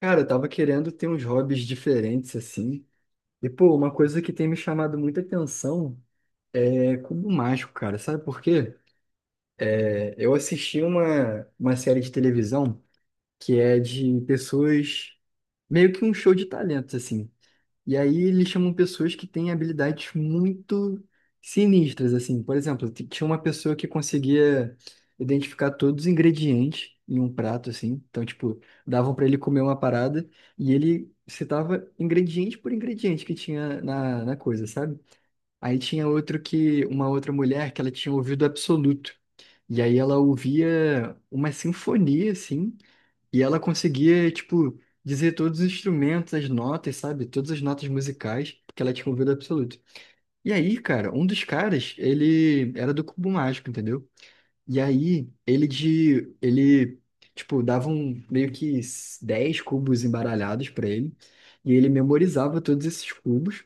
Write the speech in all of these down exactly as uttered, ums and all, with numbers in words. Cara, eu tava querendo ter uns hobbies diferentes, assim. E, pô, uma coisa que tem me chamado muita atenção é cubo mágico, cara. Sabe por quê? É, eu assisti uma, uma série de televisão que é de pessoas, meio que um show de talentos, assim. E aí eles chamam pessoas que têm habilidades muito sinistras, assim. Por exemplo, t- tinha uma pessoa que conseguia identificar todos os ingredientes em um prato, assim. Então, tipo, davam para ele comer uma parada e ele citava ingrediente por ingrediente que tinha na, na coisa, sabe? Aí tinha outro que, uma outra mulher que ela tinha ouvido absoluto. E aí ela ouvia uma sinfonia, assim. E ela conseguia, tipo, dizer todos os instrumentos, as notas, sabe? Todas as notas musicais, porque ela tinha um ouvido absoluto. E aí, cara, um dos caras, ele era do cubo mágico, entendeu? E aí, ele de, ele, tipo, dava um, meio que dez cubos embaralhados pra ele, e ele memorizava todos esses cubos,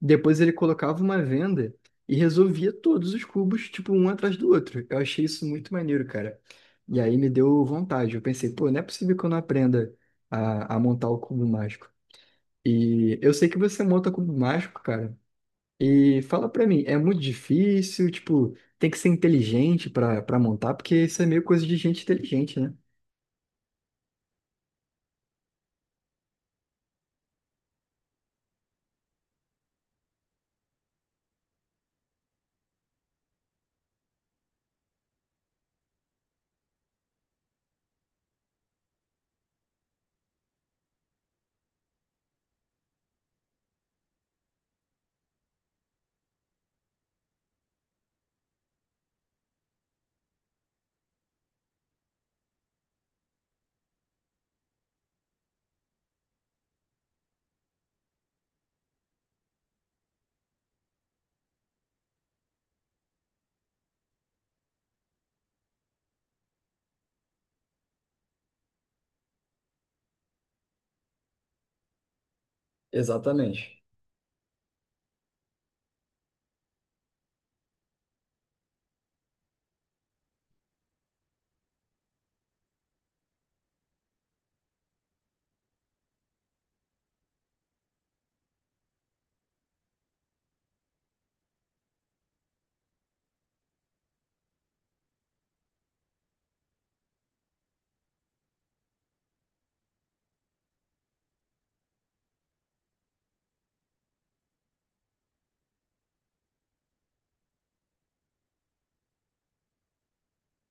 depois ele colocava uma venda e resolvia todos os cubos, tipo, um atrás do outro. Eu achei isso muito maneiro, cara. E aí me deu vontade. Eu pensei, pô, não é possível que eu não aprenda a, a montar o cubo mágico. E eu sei que você monta cubo mágico, cara. E fala pra mim, é muito difícil? Tipo, tem que ser inteligente pra, pra montar, porque isso é meio coisa de gente inteligente, né? Exatamente.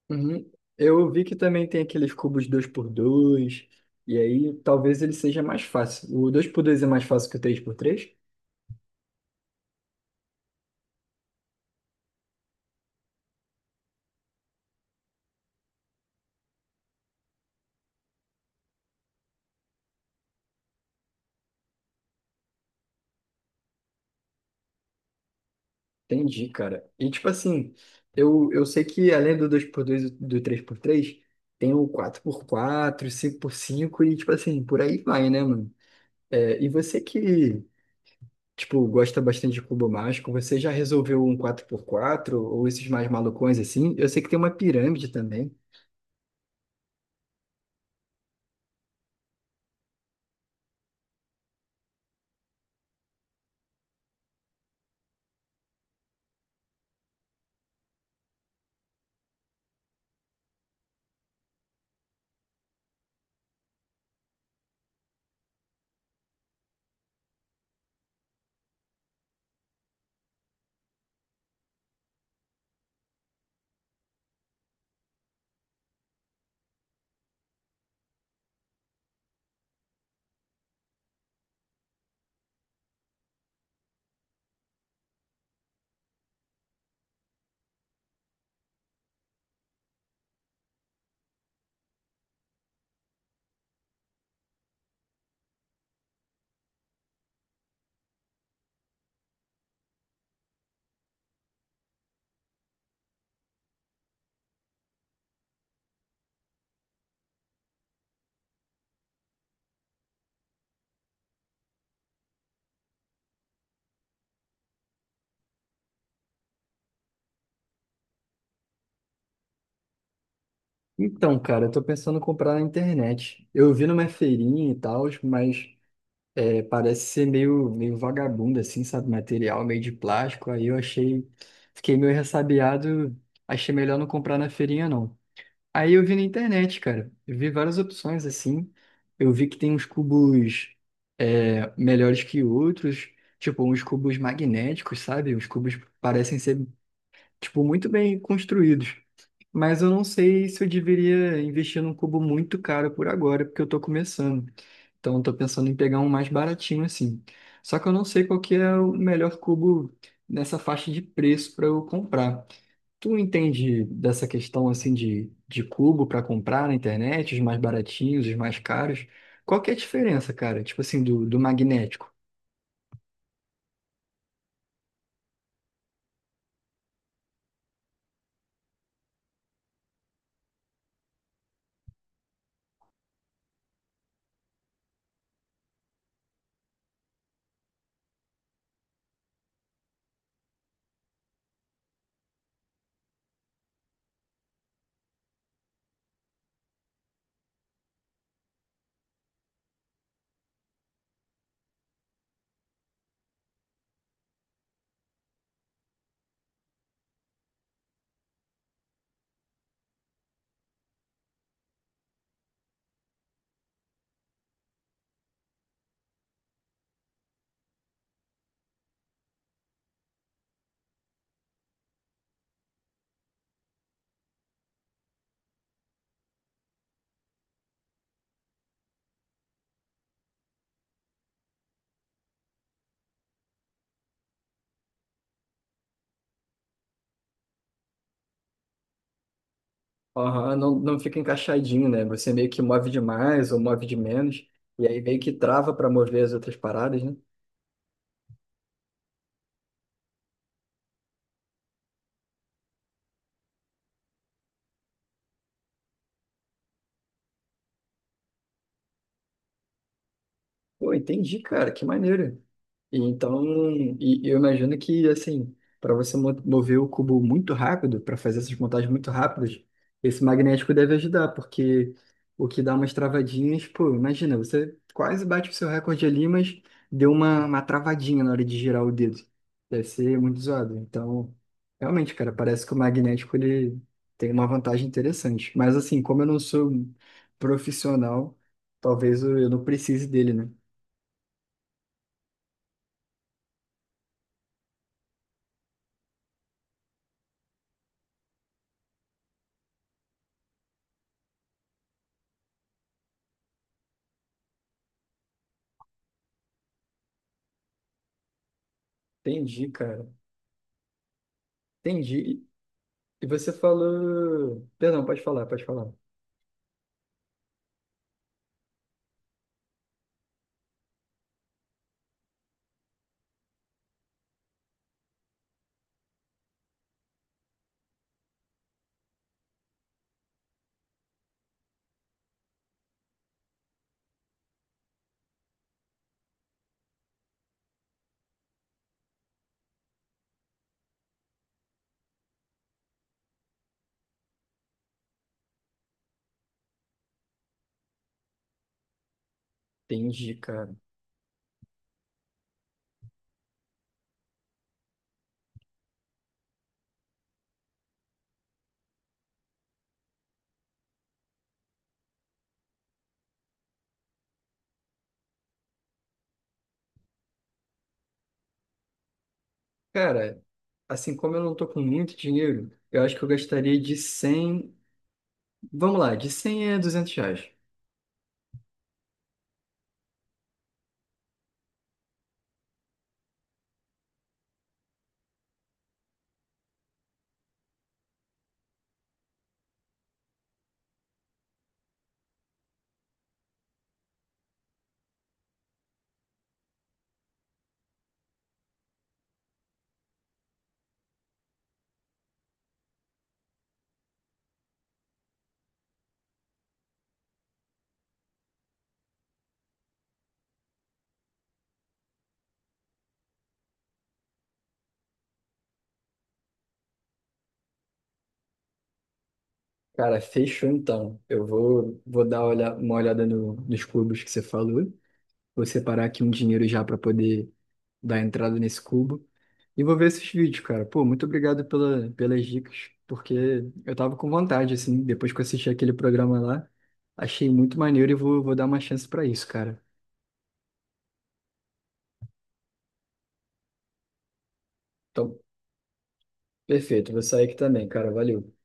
Uhum. Eu vi que também tem aqueles cubos dois por dois e aí talvez ele seja mais fácil. O dois por dois é mais fácil que o três por três. Entendi, cara. E tipo assim, eu, eu sei que além do dois por dois e do três por três tem o quatro por quatro, cinco por cinco e tipo assim, por aí vai, né, mano? É, e você que, tipo, gosta bastante de cubo mágico, você já resolveu um quatro por quatro ou esses mais malucões assim? Eu sei que tem uma pirâmide também. Então, cara, eu tô pensando em comprar na internet. Eu vi numa feirinha e tal, mas é, parece ser meio, meio vagabundo, assim, sabe? Material meio de plástico. Aí eu achei, fiquei meio ressabiado, achei melhor não comprar na feirinha, não. Aí eu vi na internet, cara. Eu vi várias opções, assim. Eu vi que tem uns cubos é, melhores que outros, tipo, uns cubos magnéticos, sabe? Os cubos parecem ser, tipo, muito bem construídos. Mas eu não sei se eu deveria investir num cubo muito caro por agora, porque eu estou começando. Então, eu estou pensando em pegar um mais baratinho assim. Só que eu não sei qual que é o melhor cubo nessa faixa de preço para eu comprar. Tu entende dessa questão assim de, de cubo para comprar na internet, os mais baratinhos, os mais caros? Qual que é a diferença, cara? Tipo assim, do, do magnético. Aham, não, não fica encaixadinho, né? Você meio que move demais ou move de menos, e aí meio que trava para mover as outras paradas, né? Pô, entendi, cara, que maneiro. E então, e, e eu imagino que, assim, para você mo- mover o cubo muito rápido, para fazer essas montagens muito rápidas, esse magnético deve ajudar, porque o que dá umas travadinhas, pô, imagina, você quase bate o seu recorde ali, mas deu uma, uma travadinha na hora de girar o dedo. Deve ser muito zoado. Então, realmente, cara, parece que o magnético ele tem uma vantagem interessante. Mas, assim, como eu não sou um profissional, talvez eu eu não precise dele, né? Entendi, cara. Entendi. E você falou. Perdão, pode falar, pode falar. Entendi, cara. Cara, assim como eu não tô com muito dinheiro, eu acho que eu gastaria de cem. Vamos lá, de cem a duzentos reais. Cara, fechou então. Eu vou, vou dar olha- uma olhada no- nos cubos que você falou. Vou separar aqui um dinheiro já para poder dar entrada nesse cubo. E vou ver esses vídeos, cara. Pô, muito obrigado pela, pelas dicas, porque eu tava com vontade, assim, depois que eu assisti aquele programa lá, achei muito maneiro e vou, vou dar uma chance pra isso, cara. Então, perfeito, vou sair aqui também, cara. Valeu.